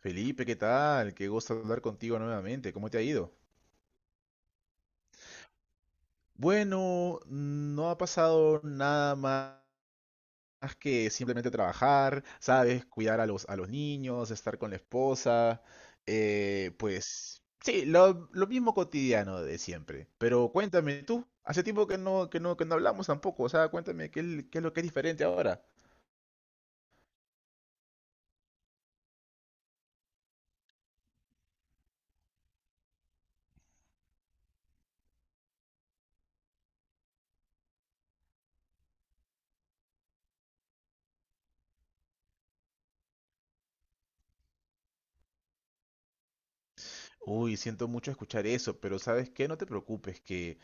Felipe, ¿qué tal? Qué gusto hablar contigo nuevamente. ¿Cómo te ha ido? Bueno, no ha pasado nada más que simplemente trabajar, ¿sabes? Cuidar a los niños, estar con la esposa. Pues sí, lo mismo cotidiano de siempre. Pero cuéntame tú, hace tiempo que no hablamos tampoco. O sea, cuéntame qué es lo que es diferente ahora. Uy, siento mucho escuchar eso, pero ¿sabes qué? No te preocupes, que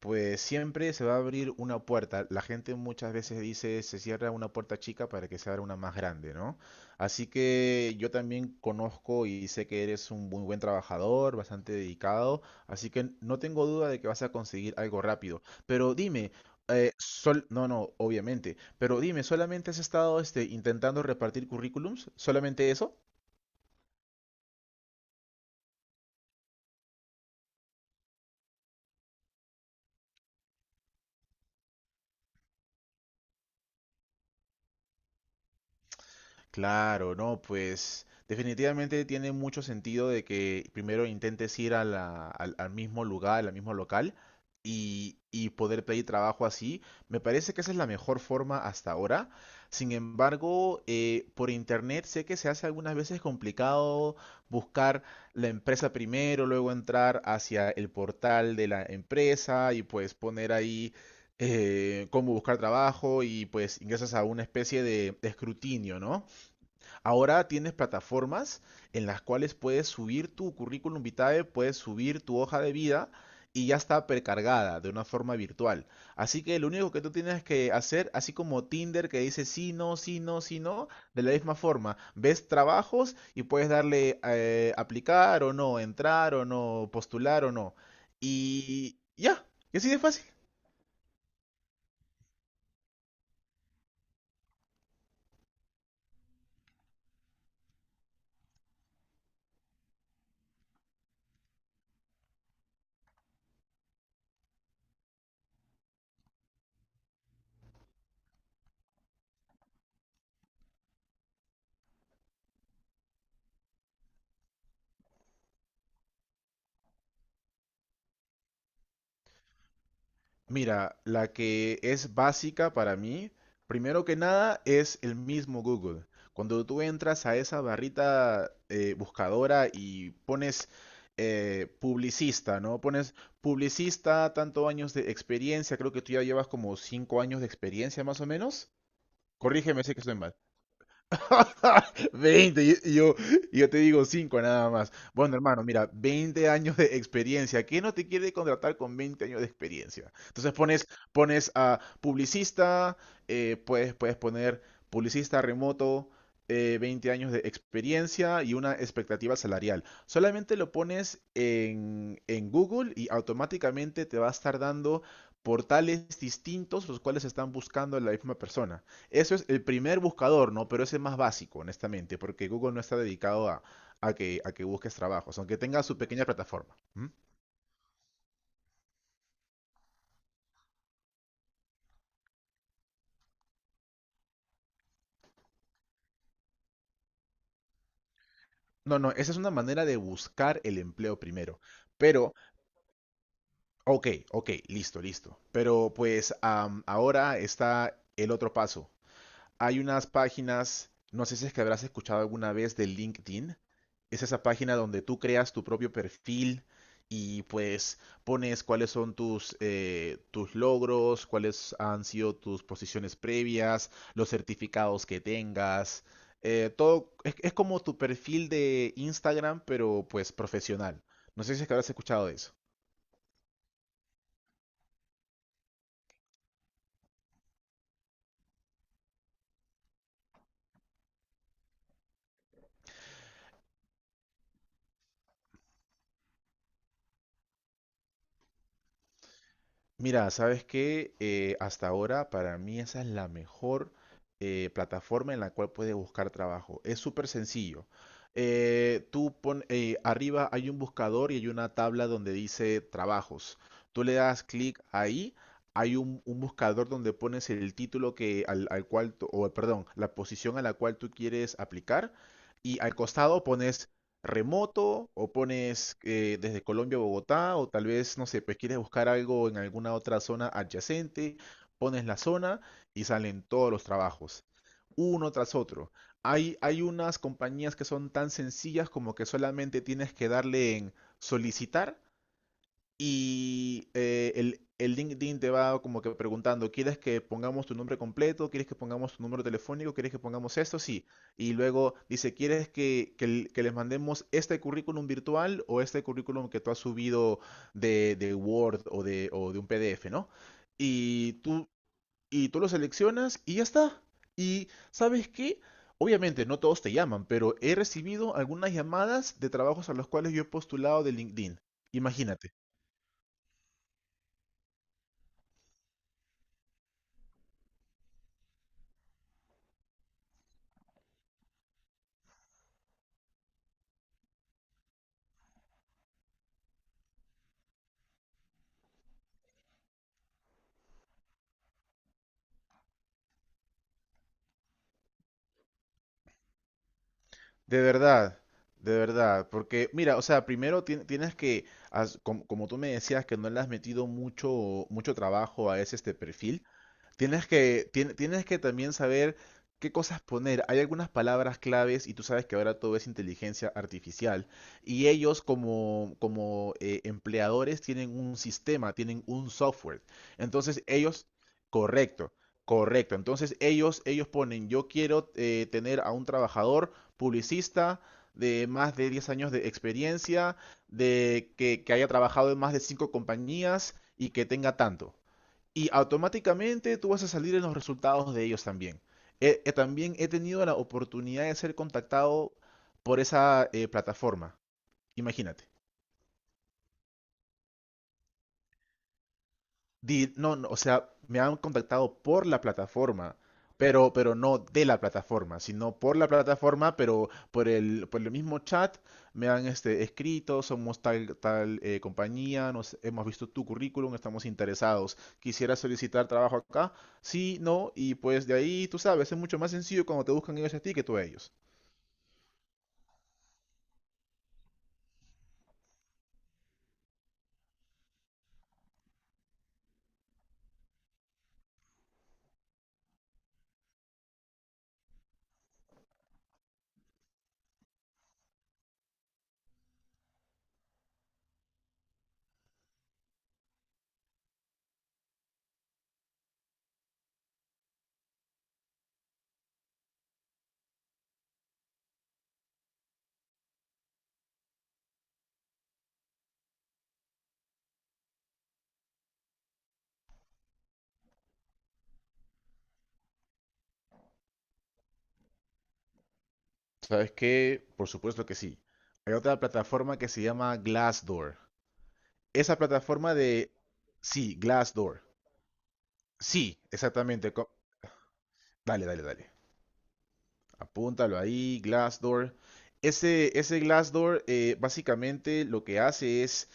pues siempre se va a abrir una puerta. La gente muchas veces dice se cierra una puerta chica para que se abra una más grande, ¿no? Así que yo también conozco y sé que eres un muy buen trabajador, bastante dedicado, así que no tengo duda de que vas a conseguir algo rápido. Pero dime, no, no, obviamente, ¿solamente has estado intentando repartir currículums? ¿Solamente eso? Claro, no, pues definitivamente tiene mucho sentido de que primero intentes ir al mismo lugar, al mismo local, y poder pedir trabajo así. Me parece que esa es la mejor forma hasta ahora. Sin embargo, por internet sé que se hace algunas veces complicado buscar la empresa primero, luego entrar hacia el portal de la empresa y pues poner ahí cómo buscar trabajo, y pues ingresas a una especie de escrutinio, ¿no? Ahora tienes plataformas en las cuales puedes subir tu currículum vitae, puedes subir tu hoja de vida y ya está precargada de una forma virtual. Así que lo único que tú tienes que hacer, así como Tinder, que dice sí, no, sí, no, sí, no, de la misma forma, ves trabajos y puedes darle aplicar o no, entrar o no, postular o no. Y ya, y así de fácil. Mira, la que es básica para mí, primero que nada, es el mismo Google. Cuando tú entras a esa barrita buscadora y pones publicista, ¿no? Pones publicista, tanto años de experiencia, creo que tú ya llevas como 5 años de experiencia más o menos. Corrígeme si que estoy mal. 20. Y yo te digo 5 nada más. Bueno, hermano, mira, 20 años de experiencia. ¿Qué no te quiere contratar con 20 años de experiencia? Entonces pones, a publicista, puedes poner publicista remoto, 20 años de experiencia y una expectativa salarial. Solamente lo pones en Google y automáticamente te va a estar dando portales distintos los cuales están buscando a la misma persona. Eso es el primer buscador, ¿no? Pero ese es más básico, honestamente, porque Google no está dedicado a, a que busques trabajos, aunque tenga su pequeña plataforma. ¿M? No, no, esa es una manera de buscar el empleo primero. Pero, ok, ok, listo, listo. Pero pues ahora está el otro paso. Hay unas páginas, no sé si es que habrás escuchado alguna vez de LinkedIn. Es esa página donde tú creas tu propio perfil y pues pones cuáles son tus logros, cuáles han sido tus posiciones previas, los certificados que tengas. Todo es, como tu perfil de Instagram, pero pues profesional. No sé si es que habrás escuchado de eso. Mira, ¿sabes que hasta ahora para mí esa es la mejor plataforma en la cual puedes buscar trabajo? Es súper sencillo. Arriba hay un buscador y hay una tabla donde dice trabajos. Tú le das clic ahí, hay un buscador donde pones el título, que, al, al cual, tú- o perdón, la posición a la cual tú quieres aplicar, y al costado pones remoto o pones desde Colombia a Bogotá o tal vez, no sé, pues quieres buscar algo en alguna otra zona adyacente, pones la zona y salen todos los trabajos, uno tras otro. Hay unas compañías que son tan sencillas como que solamente tienes que darle en solicitar y el LinkedIn te va como que preguntando: ¿quieres que pongamos tu nombre completo? ¿Quieres que pongamos tu número telefónico? ¿Quieres que pongamos esto? Sí. Y luego dice: ¿quieres que les mandemos este currículum virtual o este currículum que tú has subido de Word o de un PDF, ¿no? Y tú, y tú lo seleccionas y ya está. Y ¿sabes qué? Obviamente no todos te llaman, pero he recibido algunas llamadas de trabajos a los cuales yo he postulado de LinkedIn. Imagínate. De verdad, de verdad, porque mira, o sea, primero tienes que, como tú me decías, que no le has metido mucho, mucho trabajo a ese este perfil. Tienes que también saber qué cosas poner. Hay algunas palabras claves y tú sabes que ahora todo es inteligencia artificial. Y ellos, como empleadores, tienen un sistema, tienen un software. Entonces ellos, correcto, correcto. Entonces ellos, ponen: yo quiero tener a un trabajador publicista de más de 10 años de experiencia, de que haya trabajado en más de 5 compañías y que tenga tanto, y automáticamente tú vas a salir en los resultados de ellos también. También he tenido la oportunidad de ser contactado por esa plataforma. Imagínate. No, no, o sea, me han contactado por la plataforma, pero no de la plataforma, sino por la plataforma, pero por el mismo chat me han escrito: somos tal, tal compañía, hemos visto tu currículum, estamos interesados, quisiera solicitar trabajo acá, sí, no. Y pues de ahí, tú sabes, es mucho más sencillo cuando te buscan ellos a ti que tú a ellos. ¿Sabes qué? Por supuesto que sí. Hay otra plataforma que se llama Glassdoor. Esa plataforma de. Sí, Glassdoor. Sí, exactamente. Dale, dale, dale. Apúntalo ahí, Glassdoor. Ese Glassdoor, básicamente lo que hace es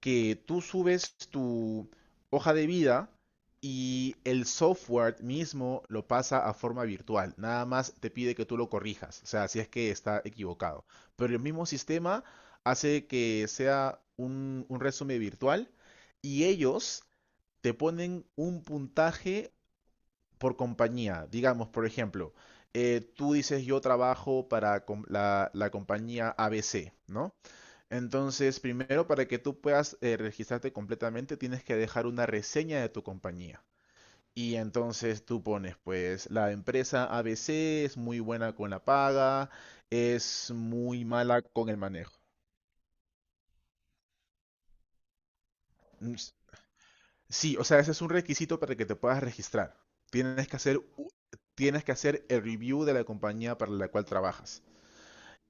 que tú subes tu hoja de vida y el software mismo lo pasa a forma virtual. Nada más te pide que tú lo corrijas, o sea, si es que está equivocado. Pero el mismo sistema hace que sea un resumen virtual, y ellos te ponen un puntaje por compañía. Digamos, por ejemplo, tú dices yo trabajo para la compañía ABC, ¿no? Entonces, primero, para que tú puedas registrarte completamente, tienes que dejar una reseña de tu compañía. Y entonces tú pones, pues, la empresa ABC es muy buena con la paga, es muy mala con el manejo. Mm. Sí, o sea, ese es un requisito para que te puedas registrar. Tienes que hacer, u- tienes que hacer el review de la compañía para la cual trabajas.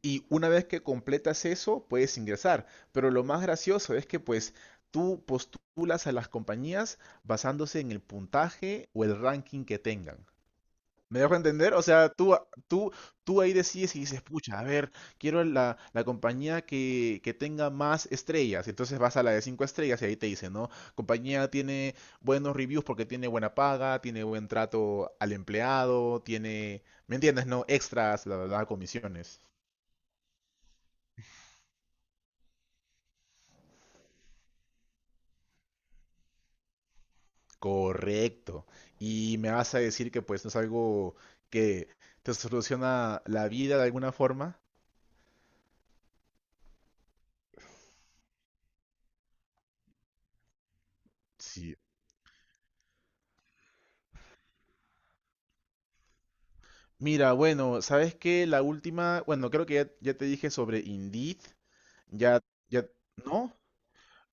Y una vez que completas eso, puedes ingresar. Pero lo más gracioso es que pues tú postulas a las compañías basándose en el puntaje o el ranking que tengan. ¿Me dejo entender? O sea, tú, tú, tú, ahí decides y dices: pucha, a ver, quiero la, compañía que tenga más estrellas. Entonces vas a la de 5 estrellas y ahí te dice, ¿no? Compañía tiene buenos reviews porque tiene buena paga, tiene buen trato al empleado, tiene, ¿me entiendes? No, extras, la verdad, comisiones. Correcto. Y me vas a decir que pues no es algo que te soluciona la vida de alguna forma. Sí. Mira, bueno, ¿sabes qué? La última, bueno, creo que ya te dije sobre Indeed. Ya, ya, ¿no?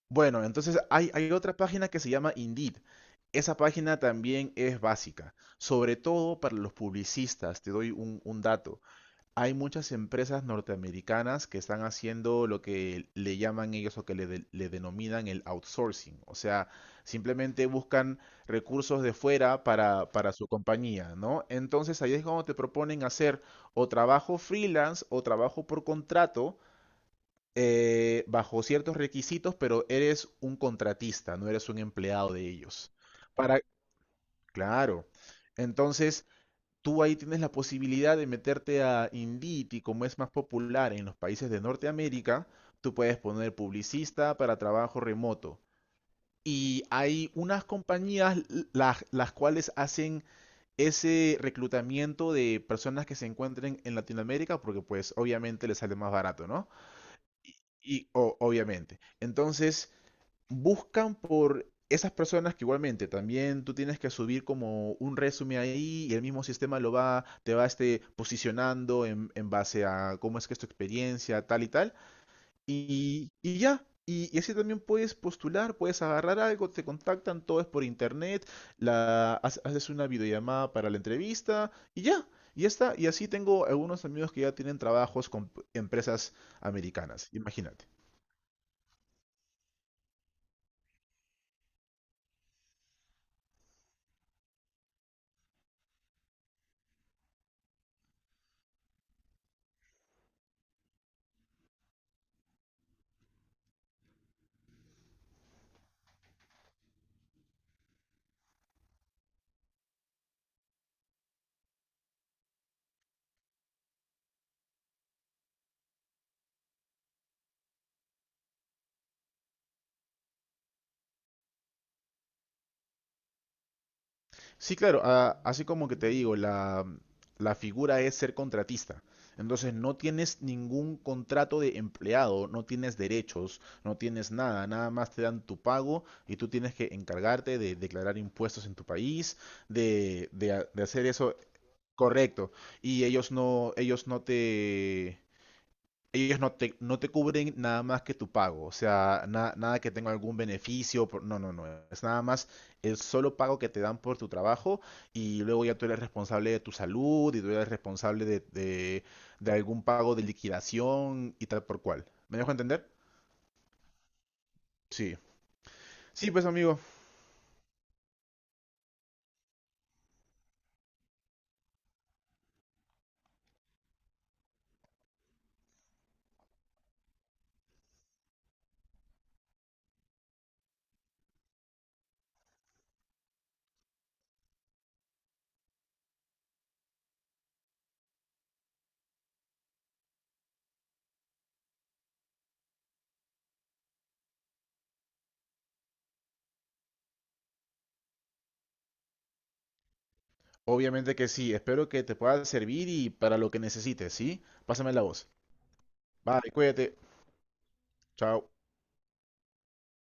Bueno, entonces hay otra página que se llama Indeed. Esa página también es básica, sobre todo para los publicistas. Te doy un, dato. Hay muchas empresas norteamericanas que están haciendo lo que le llaman ellos, o que le denominan, el outsourcing. O sea, simplemente buscan recursos de fuera para su compañía, ¿no? Entonces ahí es cuando te proponen hacer o trabajo freelance o trabajo por contrato, bajo ciertos requisitos, pero eres un contratista, no eres un empleado de ellos. Para, claro. Entonces, tú ahí tienes la posibilidad de meterte a Indeed y, como es más popular en los países de Norteamérica, tú puedes poner publicista para trabajo remoto. Y hay unas compañías las cuales hacen ese reclutamiento de personas que se encuentren en Latinoamérica porque pues obviamente les sale más barato, ¿no? Y obviamente. Entonces, buscan por esas personas, que igualmente también tú tienes que subir como un resumen ahí y el mismo sistema te va posicionando en base a cómo es que es tu experiencia, tal y tal. Y ya. Y así también puedes postular, puedes agarrar algo, te contactan, todo es por internet, la, haces una videollamada para la entrevista y ya está. Y así tengo algunos amigos que ya tienen trabajos con empresas americanas, imagínate. Sí, claro, así como que te digo, la, figura es ser contratista. Entonces no tienes ningún contrato de empleado, no tienes derechos, no tienes nada, nada más te dan tu pago y tú tienes que encargarte de declarar impuestos en tu país, de hacer eso. Correcto. Y ellos no te cubren nada más que tu pago, o sea, nada que tenga algún beneficio, no, no, no, es nada más el solo pago que te dan por tu trabajo, y luego ya tú eres responsable de tu salud y tú eres responsable de, algún pago de liquidación y tal por cual. ¿Me dejo entender? Sí. Sí, pues amigo, obviamente que sí, espero que te pueda servir, y para lo que necesites, ¿sí? Pásame la voz. Bye, cuídate, chao.